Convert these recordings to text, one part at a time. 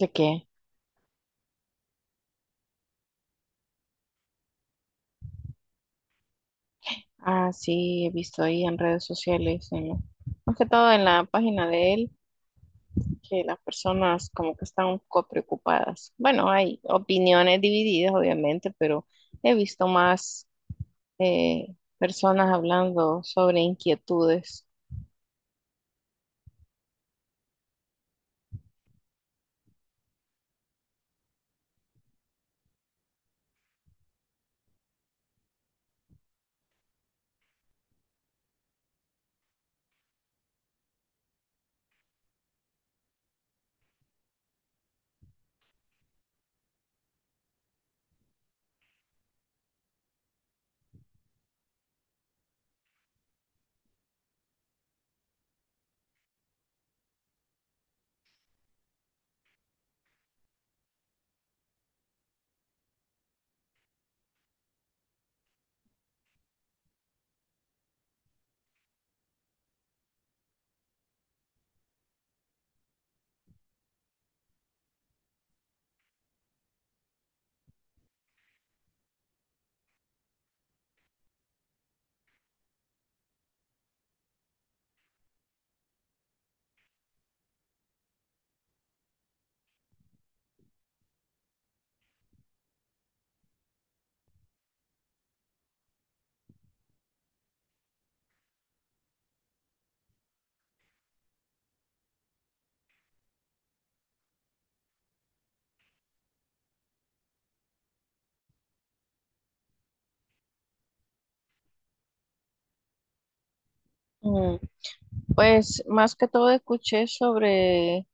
¿De qué? Ah, sí, he visto ahí en redes sociales, más que todo en la página de él, que las personas como que están un poco preocupadas. Bueno, hay opiniones divididas, obviamente, pero he visto más personas hablando sobre inquietudes. Mm, pues más que todo escuché sobre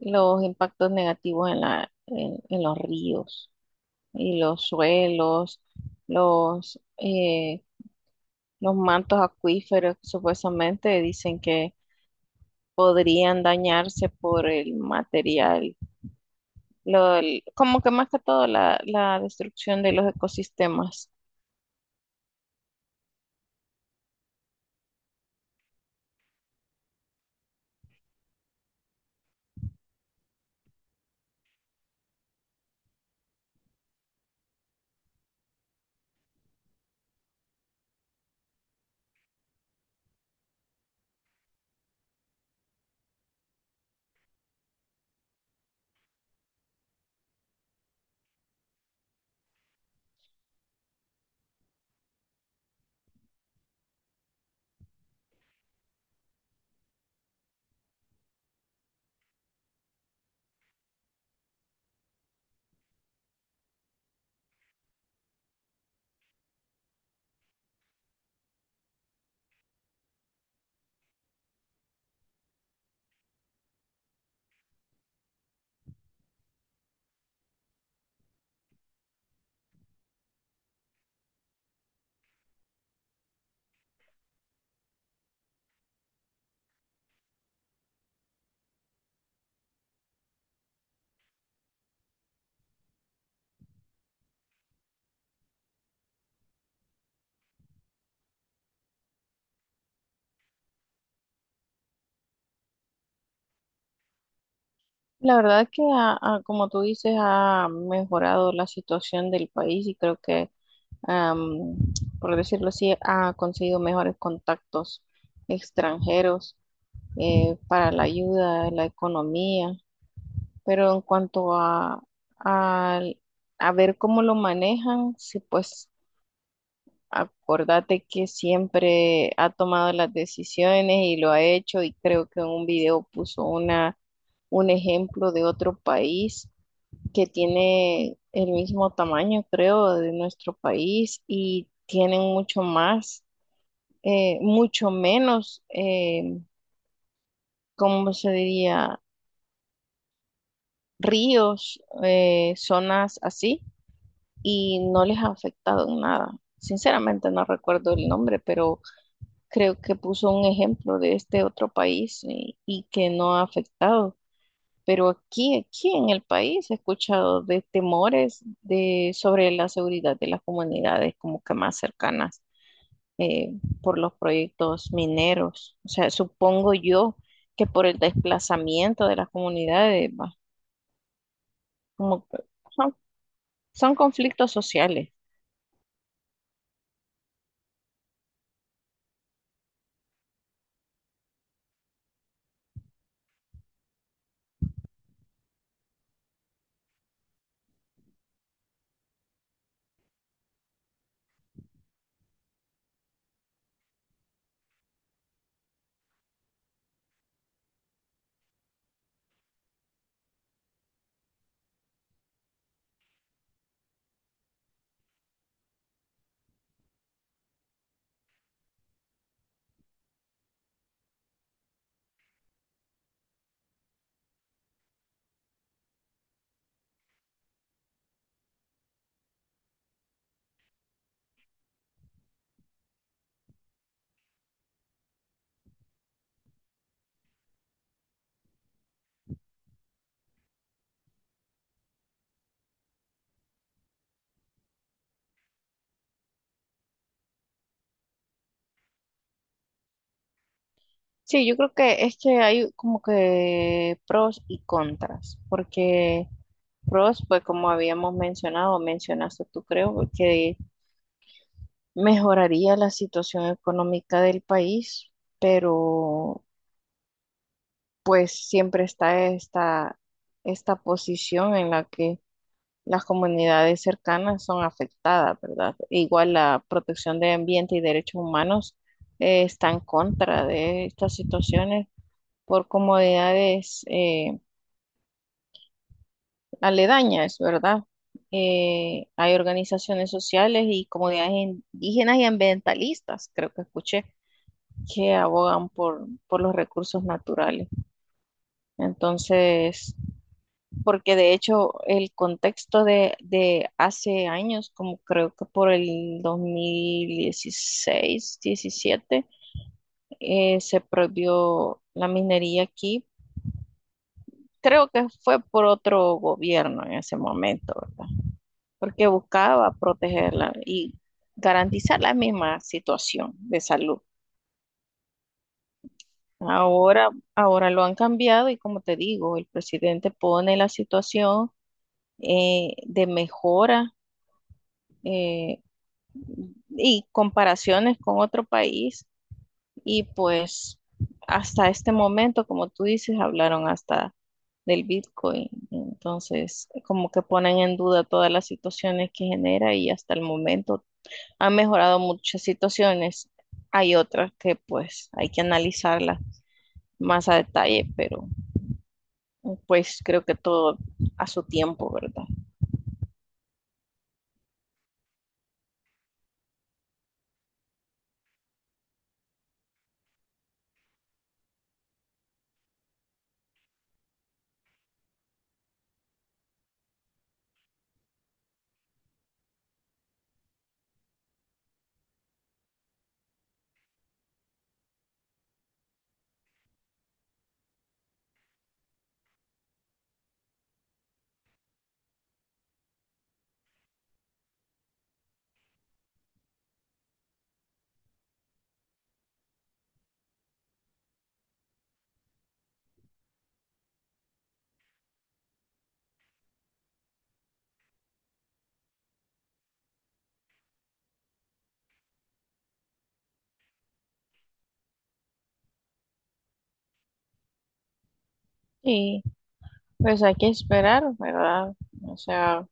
los impactos negativos en en los ríos y los suelos, los, eh, los mantos acuíferos que supuestamente dicen que podrían dañarse por el material, como que más que todo la destrucción de los ecosistemas. La verdad que, como tú dices, ha mejorado la situación del país y creo que, am, por decirlo así, ha conseguido mejores contactos extranjeros para la ayuda, la economía. Pero en cuanto al- a ver cómo lo manejan, sí, pues acordate que siempre ha tomado las decisiones y lo ha hecho y creo que en un video puso un ejemplo de otro país que tiene el mismo tamaño, creo, de nuestro país y tienen mucho más, mucho menos, ¿cómo se diría? Ríos, zonas así, y no les ha afectado en nada. Sinceramente no recuerdo el nombre, pero creo que puso un ejemplo de este otro país y que no ha afectado. Pero aquí en el país he escuchado de temores sobre la seguridad de las comunidades como que más cercanas eh, por los proyectos mineros. O sea, supongo yo que por el desplazamiento de las comunidades, va, como que son, son conflictos sociales. Sí, yo creo que es que hay como que pros y contras, porque pros, pues como habíamos mencionaste tú creo, que mejoraría la situación económica del país, pero pues siempre está esta posición en la que las comunidades cercanas son afectadas, ¿verdad? E igual la protección de ambiente y derechos humanos está en contra de estas situaciones por comodidades aledañas, ¿verdad? Hay organizaciones sociales y comunidades indígenas y ambientalistas, creo que escuché que abogan por los recursos naturales. Entonces, porque de hecho el contexto de hace años, como creo que por el 2016, 17, se prohibió la minería aquí. Creo que fue por otro gobierno en ese momento, ¿verdad? Porque buscaba protegerla y garantizar la misma situación de salud. Ahora, ahora lo han cambiado y como te digo, el presidente pone la situación de mejora, eh, y comparaciones con otro país y pues hasta este momento, como tú dices, hablaron hasta del Bitcoin. Entonces, como que ponen en duda todas las situaciones que genera y hasta el momento han mejorado muchas situaciones. Hay otras que pues hay que analizarlas más a detalle, pero... Pues creo que todo a su tiempo, ¿verdad? Y pues hay que esperar, ¿verdad? O sea,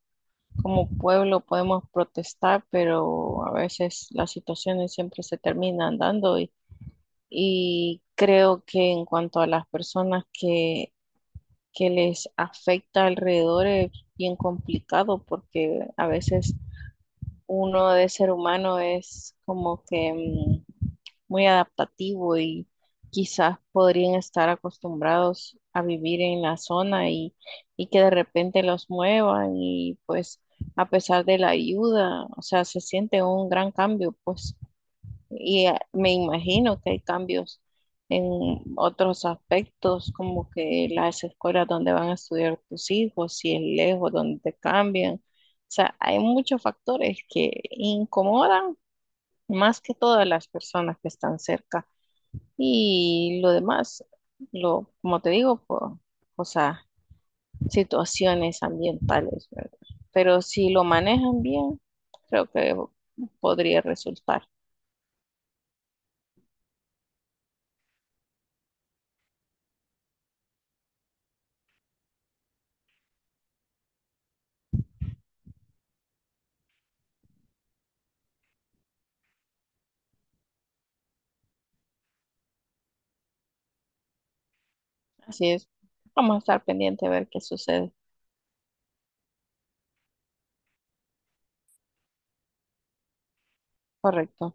como pueblo podemos protestar, pero a veces las situaciones siempre se terminan dando y creo que en cuanto a las personas que les afecta alrededor es bien complicado porque a veces uno de ser humano es como que muy adaptativo y quizás podrían estar acostumbrados a vivir en la zona y que de repente los muevan y pues a pesar de la ayuda, o sea, se siente un gran cambio, pues y me imagino que hay cambios en otros aspectos, como que las escuelas donde van a estudiar tus hijos, si es lejos, donde te cambian. O sea, hay muchos factores que incomodan más que todas las personas que están cerca. Y lo demás, como te digo, o sea, situaciones ambientales, ¿verdad? Pero si lo manejan bien, creo que podría resultar. Así es. Vamos a estar pendiente a ver qué sucede. Correcto.